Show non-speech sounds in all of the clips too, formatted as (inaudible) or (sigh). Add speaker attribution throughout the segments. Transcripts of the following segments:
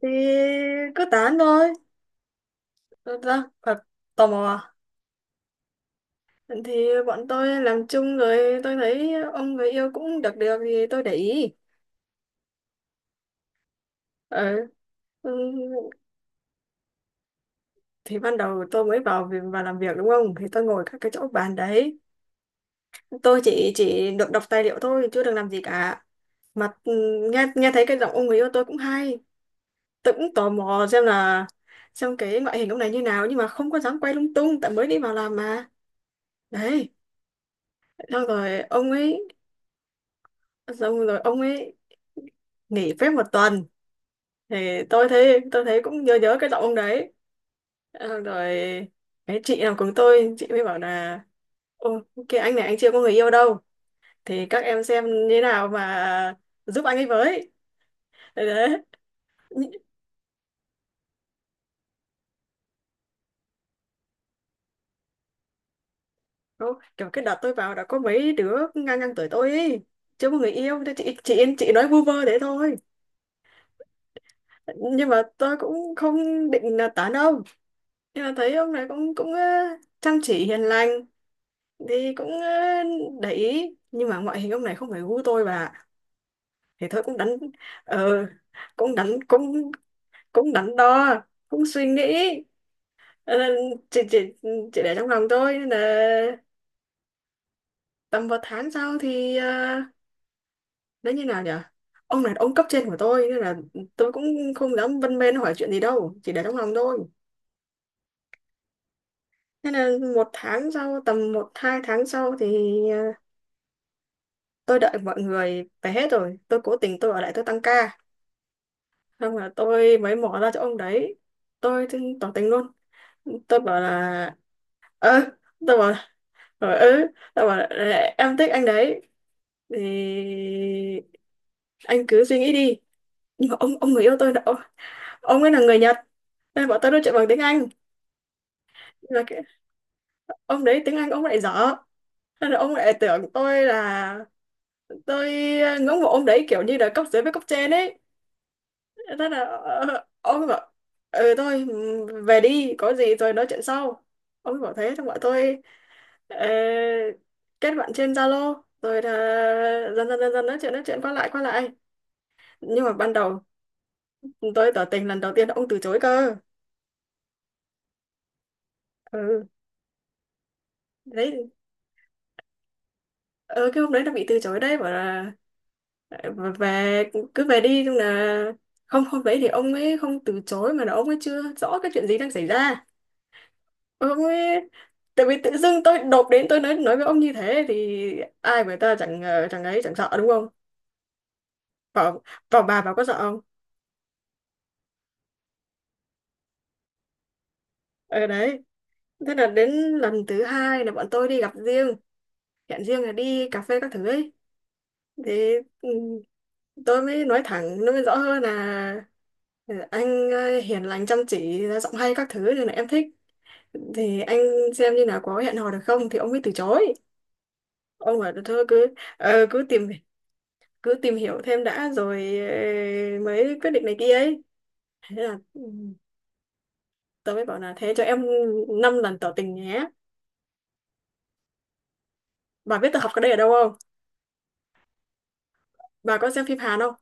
Speaker 1: Thì cứ tán thôi. Thật ra. Tò mò à? Thì bọn tôi làm chung, rồi tôi thấy ông người yêu cũng được được, thì tôi để ý. Ừ. Ừ. Thì ban đầu tôi mới vào làm việc, đúng không, thì tôi ngồi các cái chỗ bàn đấy. Tôi chỉ được đọc tài liệu thôi, chưa được làm gì cả mà. Ừ. nghe nghe thấy cái giọng ông người yêu tôi cũng hay. Tôi cũng tò mò xem là xem cái ngoại hình ông này như nào, nhưng mà không có dám quay lung tung tại mới đi vào làm mà. Đấy. Xong rồi ông ấy xong rồi ông ấy nghỉ phép một tuần. Thì tôi thấy cũng nhớ nhớ cái giọng ông đấy. Xong rồi cái chị nào cùng tôi, chị mới bảo là, ô, cái anh này anh chưa có người yêu đâu, thì các em xem như thế nào mà giúp anh ấy với. Đấy, đấy. Ô, kiểu cái đợt tôi vào đã có mấy đứa ngang ngang tuổi tôi ấy chưa có người yêu, thì chị nói vu vơ thế thôi. Nhưng mà tôi cũng không định là tán ông, nhưng mà thấy ông này cũng cũng ờ, chăm chỉ hiền lành, thì cũng để ý. Nhưng mà ngoại hình ông này không phải gu tôi bà. Thì thôi cũng đánh ờ cũng đánh cũng cũng đánh đo, cũng suy nghĩ. Ờ, nên chỉ chỉ chỉ để trong lòng tôi, nên là tầm một tháng sau thì nó như nào nhỉ, ông này là ông cấp trên của tôi, nên là tôi cũng không dám vân mên hỏi chuyện gì đâu, chỉ để trong lòng thôi. Nên là một tháng sau tầm một hai tháng sau thì ờ, tôi đợi mọi người về hết rồi, tôi cố tình tôi ở lại, tôi tăng ca. Không là tôi mới mỏ ra cho ông đấy. Tôi thì tỏ tình luôn. Tôi bảo là ơ, tôi bảo rồi Tôi bảo là, em thích anh đấy. Thì anh cứ suy nghĩ đi. Nhưng mà ông người yêu tôi ông ấy là người Nhật. Nên bọn tôi nói chuyện bằng tiếng Anh. Nhưng là ông đấy tiếng Anh ông lại dở. Nên là ông lại tưởng tôi là tôi ngưỡng mộ ông đấy kiểu như là cấp dưới với cấp trên ấy. Thế là ông bảo ừ thôi về đi, có gì rồi nói chuyện sau. Ông bảo thế, xong bọn tôi ờ, kết bạn trên Zalo, rồi là dần dần nói chuyện qua lại qua lại. Nhưng mà ban đầu tôi tỏ tình lần đầu tiên ông từ chối cơ. Ừ. Đấy. Ờ, cái hôm đấy nó bị từ chối đấy, bảo là ờ, về cứ về đi. Nhưng là không, hôm đấy thì ông ấy không từ chối, mà là ông ấy chưa rõ cái chuyện gì đang xảy ra. Ôi, tại vì tự dưng tôi đột đến tôi nói với ông như thế, thì ai người ta chẳng ờ, chẳng ấy chẳng sợ, đúng không? Bảo bảo bà có sợ không? Ở đấy. Thế là đến lần thứ hai là bọn tôi đi gặp riêng, hẹn riêng là đi cà phê các thứ ấy. Thì ừ, tôi mới nói thẳng, nó mới rõ hơn là, ừ, anh hiền lành chăm chỉ ra giọng hay các thứ nên là em thích, thì anh xem như là có hẹn hò được không. Thì ông ấy từ chối, ông bảo thôi cứ cứ tìm hiểu thêm đã, rồi mới quyết định này kia ấy. Thế là tớ mới bảo là thế cho em 5 lần tỏ tình nhé. Bà biết tớ học cái đây ở đâu không? Bà có xem phim Hàn không?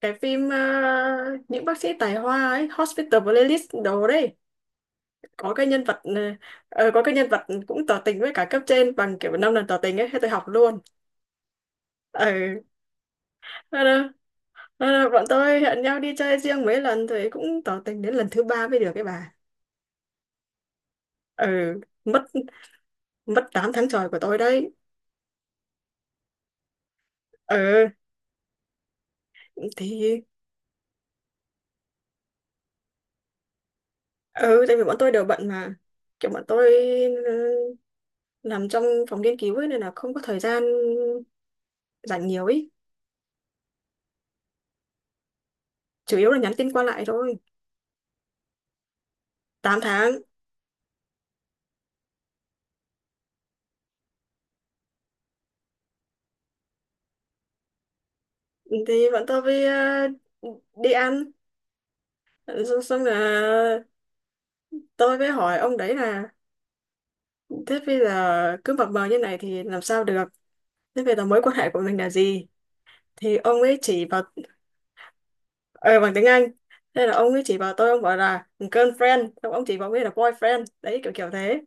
Speaker 1: Cái phim những bác sĩ tài hoa ấy, Hospital Playlist đồ đấy, có cái nhân vật ờ, có cái nhân vật cũng tỏ tình với cả cấp trên bằng kiểu 5 lần tỏ tình ấy, thế tôi học luôn. Ừ. Thế là- Thế là bọn tôi hẹn nhau đi chơi riêng mấy lần, thì cũng tỏ tình đến lần thứ ba mới được cái bà. Ừ. mất mất 8 tháng trời của tôi đấy. Ừ. Thì ừ, tại vì bọn tôi đều bận mà, kiểu bọn tôi ừ, làm trong phòng nghiên cứu ấy nên là không có thời gian rảnh nhiều ý. Chủ yếu là nhắn tin qua lại thôi. 8 tháng. Thì bọn tôi với đi ăn, xong là tôi mới hỏi ông đấy là, thế bây giờ cứ mập mờ như này thì làm sao được, thế bây giờ mối quan hệ của mình là gì. Thì ông ấy chỉ vào. Ờ, bằng tiếng Anh. Thế là ông ấy chỉ vào tôi, ông bảo là girlfriend, xong ông chỉ vào ông ấy là boyfriend, đấy kiểu kiểu thế.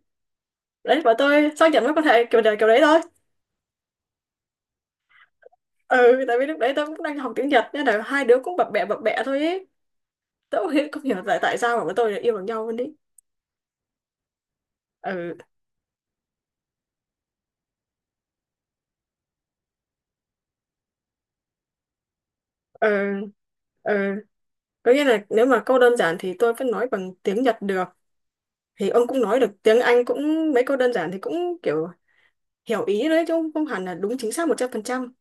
Speaker 1: Đấy, bọn tôi xác nhận với con hệ kiểu đề kiểu đấy thôi. Ừ, tại vì lúc đấy tôi cũng đang học tiếng Nhật, nên là hai đứa cũng bập bẹ thôi ấy. Tôi cũng hiểu, không hiểu tại tại sao mà bọn tôi lại yêu bằng nhau luôn đấy. Ừ. Ừ. Ừ. Có nghĩa là nếu mà câu đơn giản thì tôi vẫn nói bằng tiếng Nhật được, thì ông cũng nói được tiếng Anh cũng mấy câu đơn giản, thì cũng kiểu hiểu ý đấy, chứ không không hẳn là đúng chính xác 100%.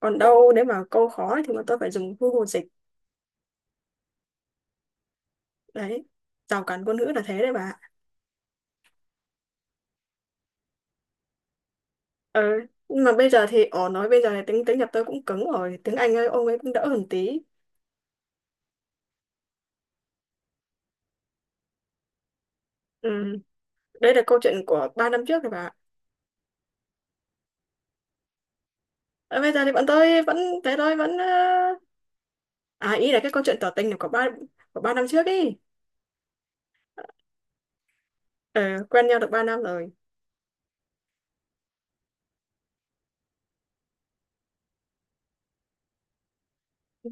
Speaker 1: Còn đâu nếu mà câu khó thì mà tôi phải dùng Google dịch. Đấy. Rào cản ngôn ngữ là thế đấy bà. Ờ, nhưng mà bây giờ thì ỏ nói bây giờ thì tiếng tiếng Nhật tôi cũng cứng rồi, tiếng Anh ấy, ông ấy cũng đỡ hơn tí. Ừ, đây là câu chuyện của 3 năm trước rồi bà. Ờ, bây giờ thì bọn tôi vẫn thế thôi, vẫn ý là cái câu chuyện tỏ tình là của 3 năm trước ý. Ờ, quen nhau được 3 năm rồi.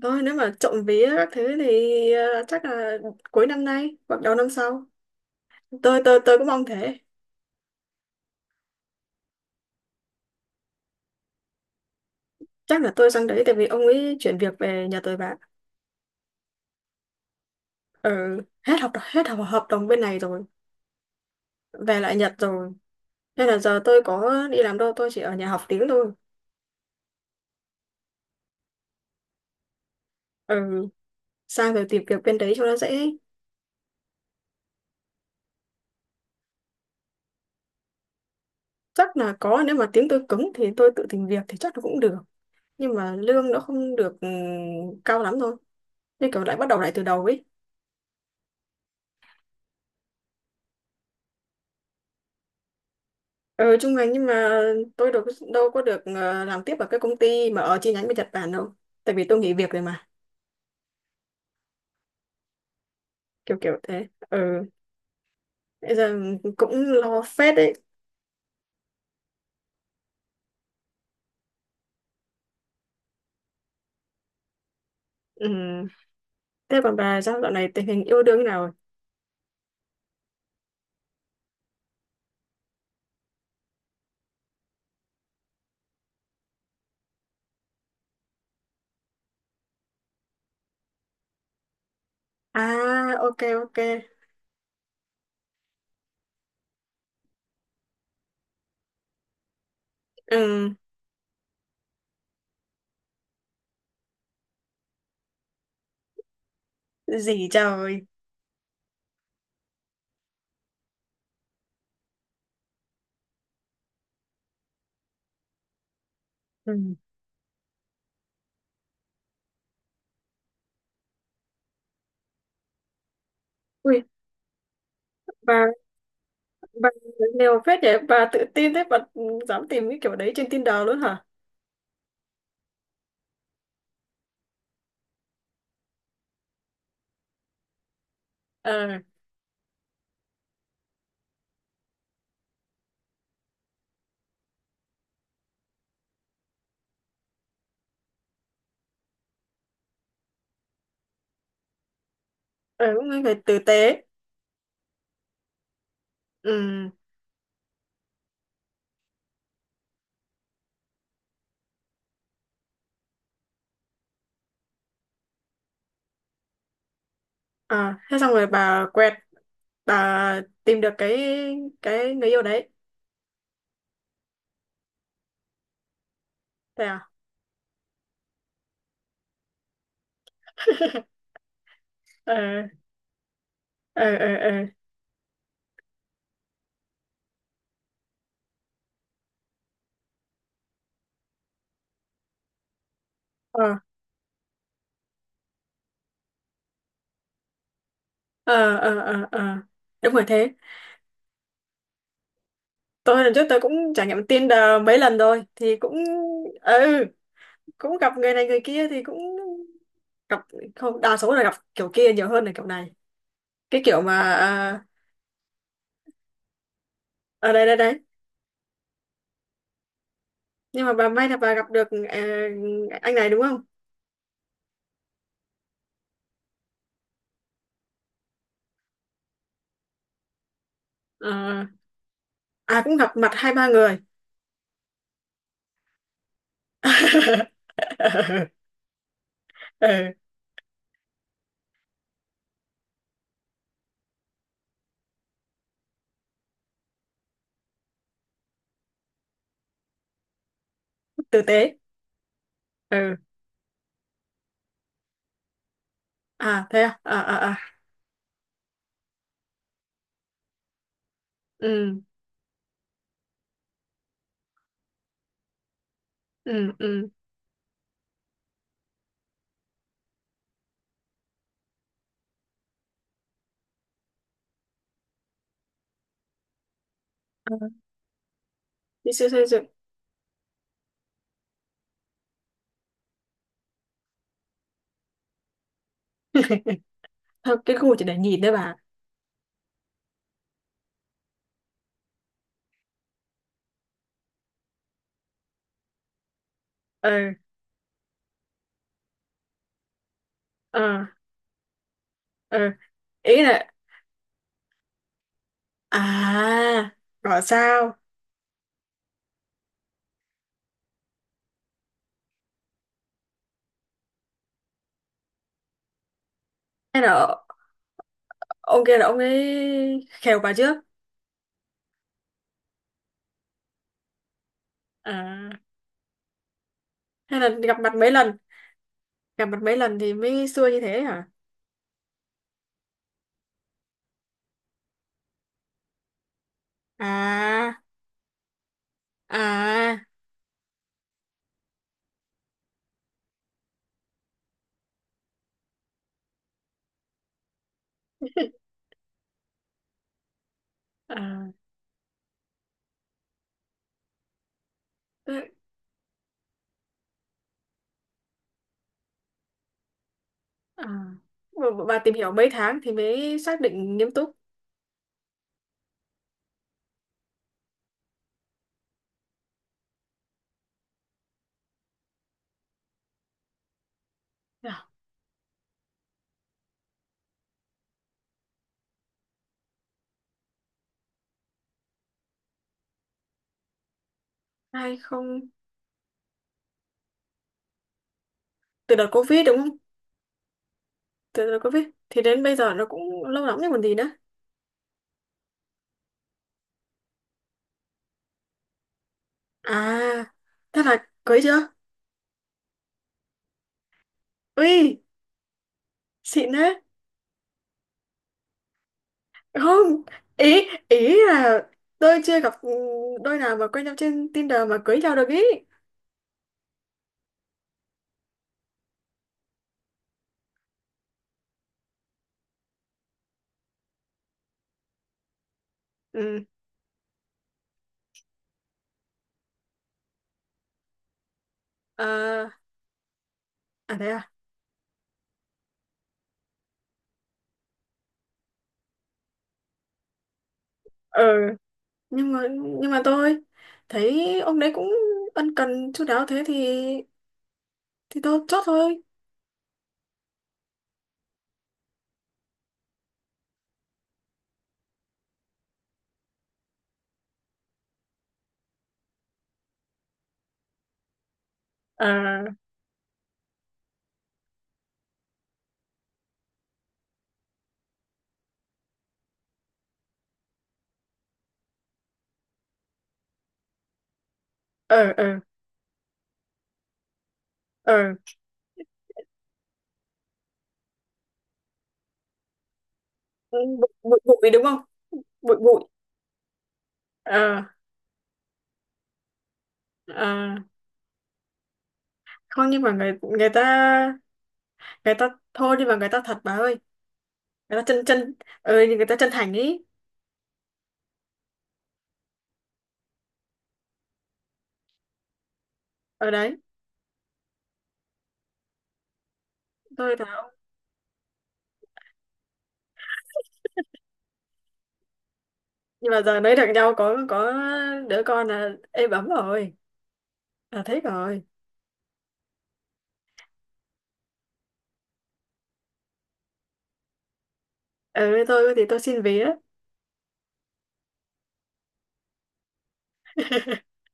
Speaker 1: Thôi nếu mà trộm vía các thứ thì chắc là cuối năm nay hoặc đầu năm sau. Tôi cũng mong thế. Chắc là tôi sang đấy, tại vì ông ấy chuyển việc về Nhật rồi bạn. Ừ, hết hợp hợp đồng bên này rồi, về lại Nhật rồi. Nên là giờ tôi có đi làm đâu, tôi chỉ ở nhà học tiếng thôi. Ừ, sang rồi tìm việc bên đấy cho nó dễ. Chắc là có, nếu mà tiếng tôi cứng thì tôi tự tìm việc thì chắc là cũng được. Nhưng mà lương nó không được cao lắm thôi. Nên kiểu lại bắt đầu lại từ đầu ấy. Ừ, trung ngành, nhưng mà tôi đâu có được làm tiếp ở cái công ty mà ở chi nhánh bên Nhật Bản đâu. Tại vì tôi nghỉ việc rồi mà, kiểu kiểu thế. Ừ, bây giờ cũng lo phết đấy. Ừ. Thế còn bà sao dạo này tình hình yêu đương thế nào rồi? À, ok, ok. Ừ. Gì trời. Ừ. Ui, bà, bà nèo phết vậy, bà tự tin thế, bà dám tìm cái kiểu đấy trên Tinder luôn hả? Ờ, ờ, cũng là người tử tế. Ừ, à, thế xong rồi bà quẹt, bà tìm được cái người yêu đấy. Thế à? (laughs) Ờ, ờ, ờ, ờ, ờ, ờ, ờ, ờ, ờ. Đúng rồi thế. Tôi lần trước tôi cũng trải nghiệm Tinder mấy lần rồi, thì ừ, cũng gặp người này người kia, thì cũng gặp không, đa số là gặp kiểu kia nhiều hơn là kiểu này, cái kiểu mà à, ở đây đây đấy. Nhưng mà bà may là bà gặp được anh này, đúng không? Ờ, à cũng gặp mặt hai ba người. (laughs) Ừ, tử tế. Ừ. À, thế à. À, à, à. Ừ, ừ, ừ. Ờ, đi siêu xây dựng. (laughs) Thôi, cái khu chỉ để nhìn thôi bà. Ừ. Ờ, ờ. Ý là à, gọi sao. Hay là ông kia là ông ấy khều bà trước. À, hay là gặp mặt mấy lần thì mới xưa như thế hả. À. À. (laughs) À, thế- à. Bà tìm hiểu mấy tháng thì mới xác định nghiêm túc. À, hay không. Từ đợt covid đúng không? Từ đợt covid thì đến bây giờ nó cũng lâu lắm rồi còn gì nữa. À, thế là cưới chưa? Ui, xịn đấy. Không, ý ý là tôi chưa gặp đôi nào mà quen nhau trên Tinder mà cưới nhau được ý. Ừ. À, à thế à. Ừ. Nhưng mà tôi thấy ông đấy cũng ân cần chu đáo thế thì tôi chốt thôi. Ờ, ờ, ờ, ờ. Ừ, bụi bụi bụi đúng không. Bụi bụi. Ờ, ờ. Không, nhưng mà người người ta người ta. Thôi nhưng mà người ta thật bà ơi. Người ta chân chân Ờ, nhưng người ta chân thành ý. Ở đấy. Thôi, thà. Nhưng mà giờ nói được nhau có đứa con là êm ấm rồi, là thích rồi. Ừ, tôi thì tôi xin vía. (laughs)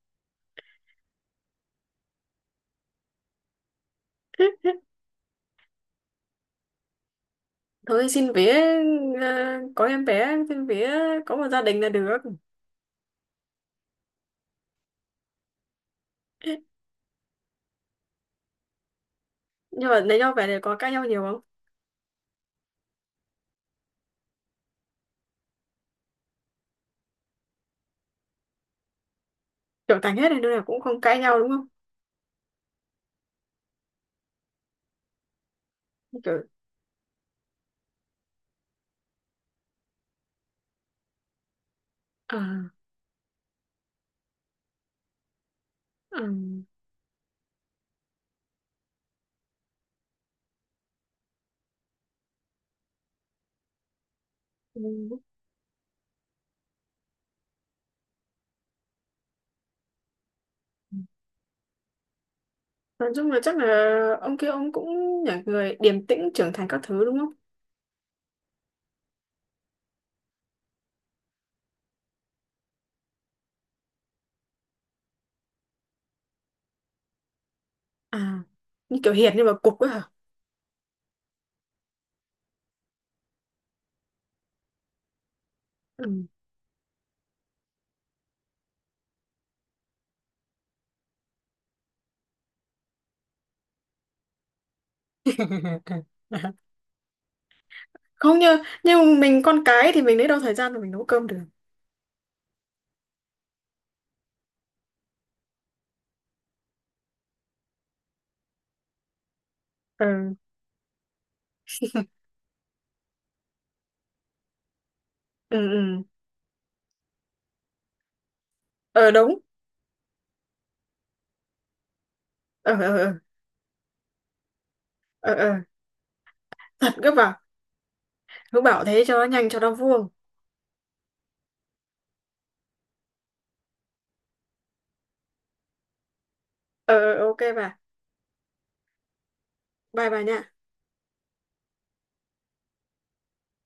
Speaker 1: Thôi xin vía. Ờ, có em bé xin vía, có một gia đình là được. Nhưng mà lấy nhau về này có cãi nhau nhiều không? Trưởng thành hết rồi nên là cũng không cãi nhau đúng không? Kiểu à, à, ừ. Nói chung là chắc là ông kia ông cũng là người điềm tĩnh trưởng thành các thứ đúng không? À, như kiểu hiền nhưng mà cục ấy hả. Ừ. (laughs) Không như. Nhưng mình con cái thì mình lấy đâu thời gian mà mình nấu cơm được. Ừ. Ừ. Ừ. Ờ, đúng. Ờ, ờ, ờ, ờ, ờ. Thật, cứ bảo thế cho nó nhanh cho nó vuông. Ờ, ờ, ok bà. Bye bà nha.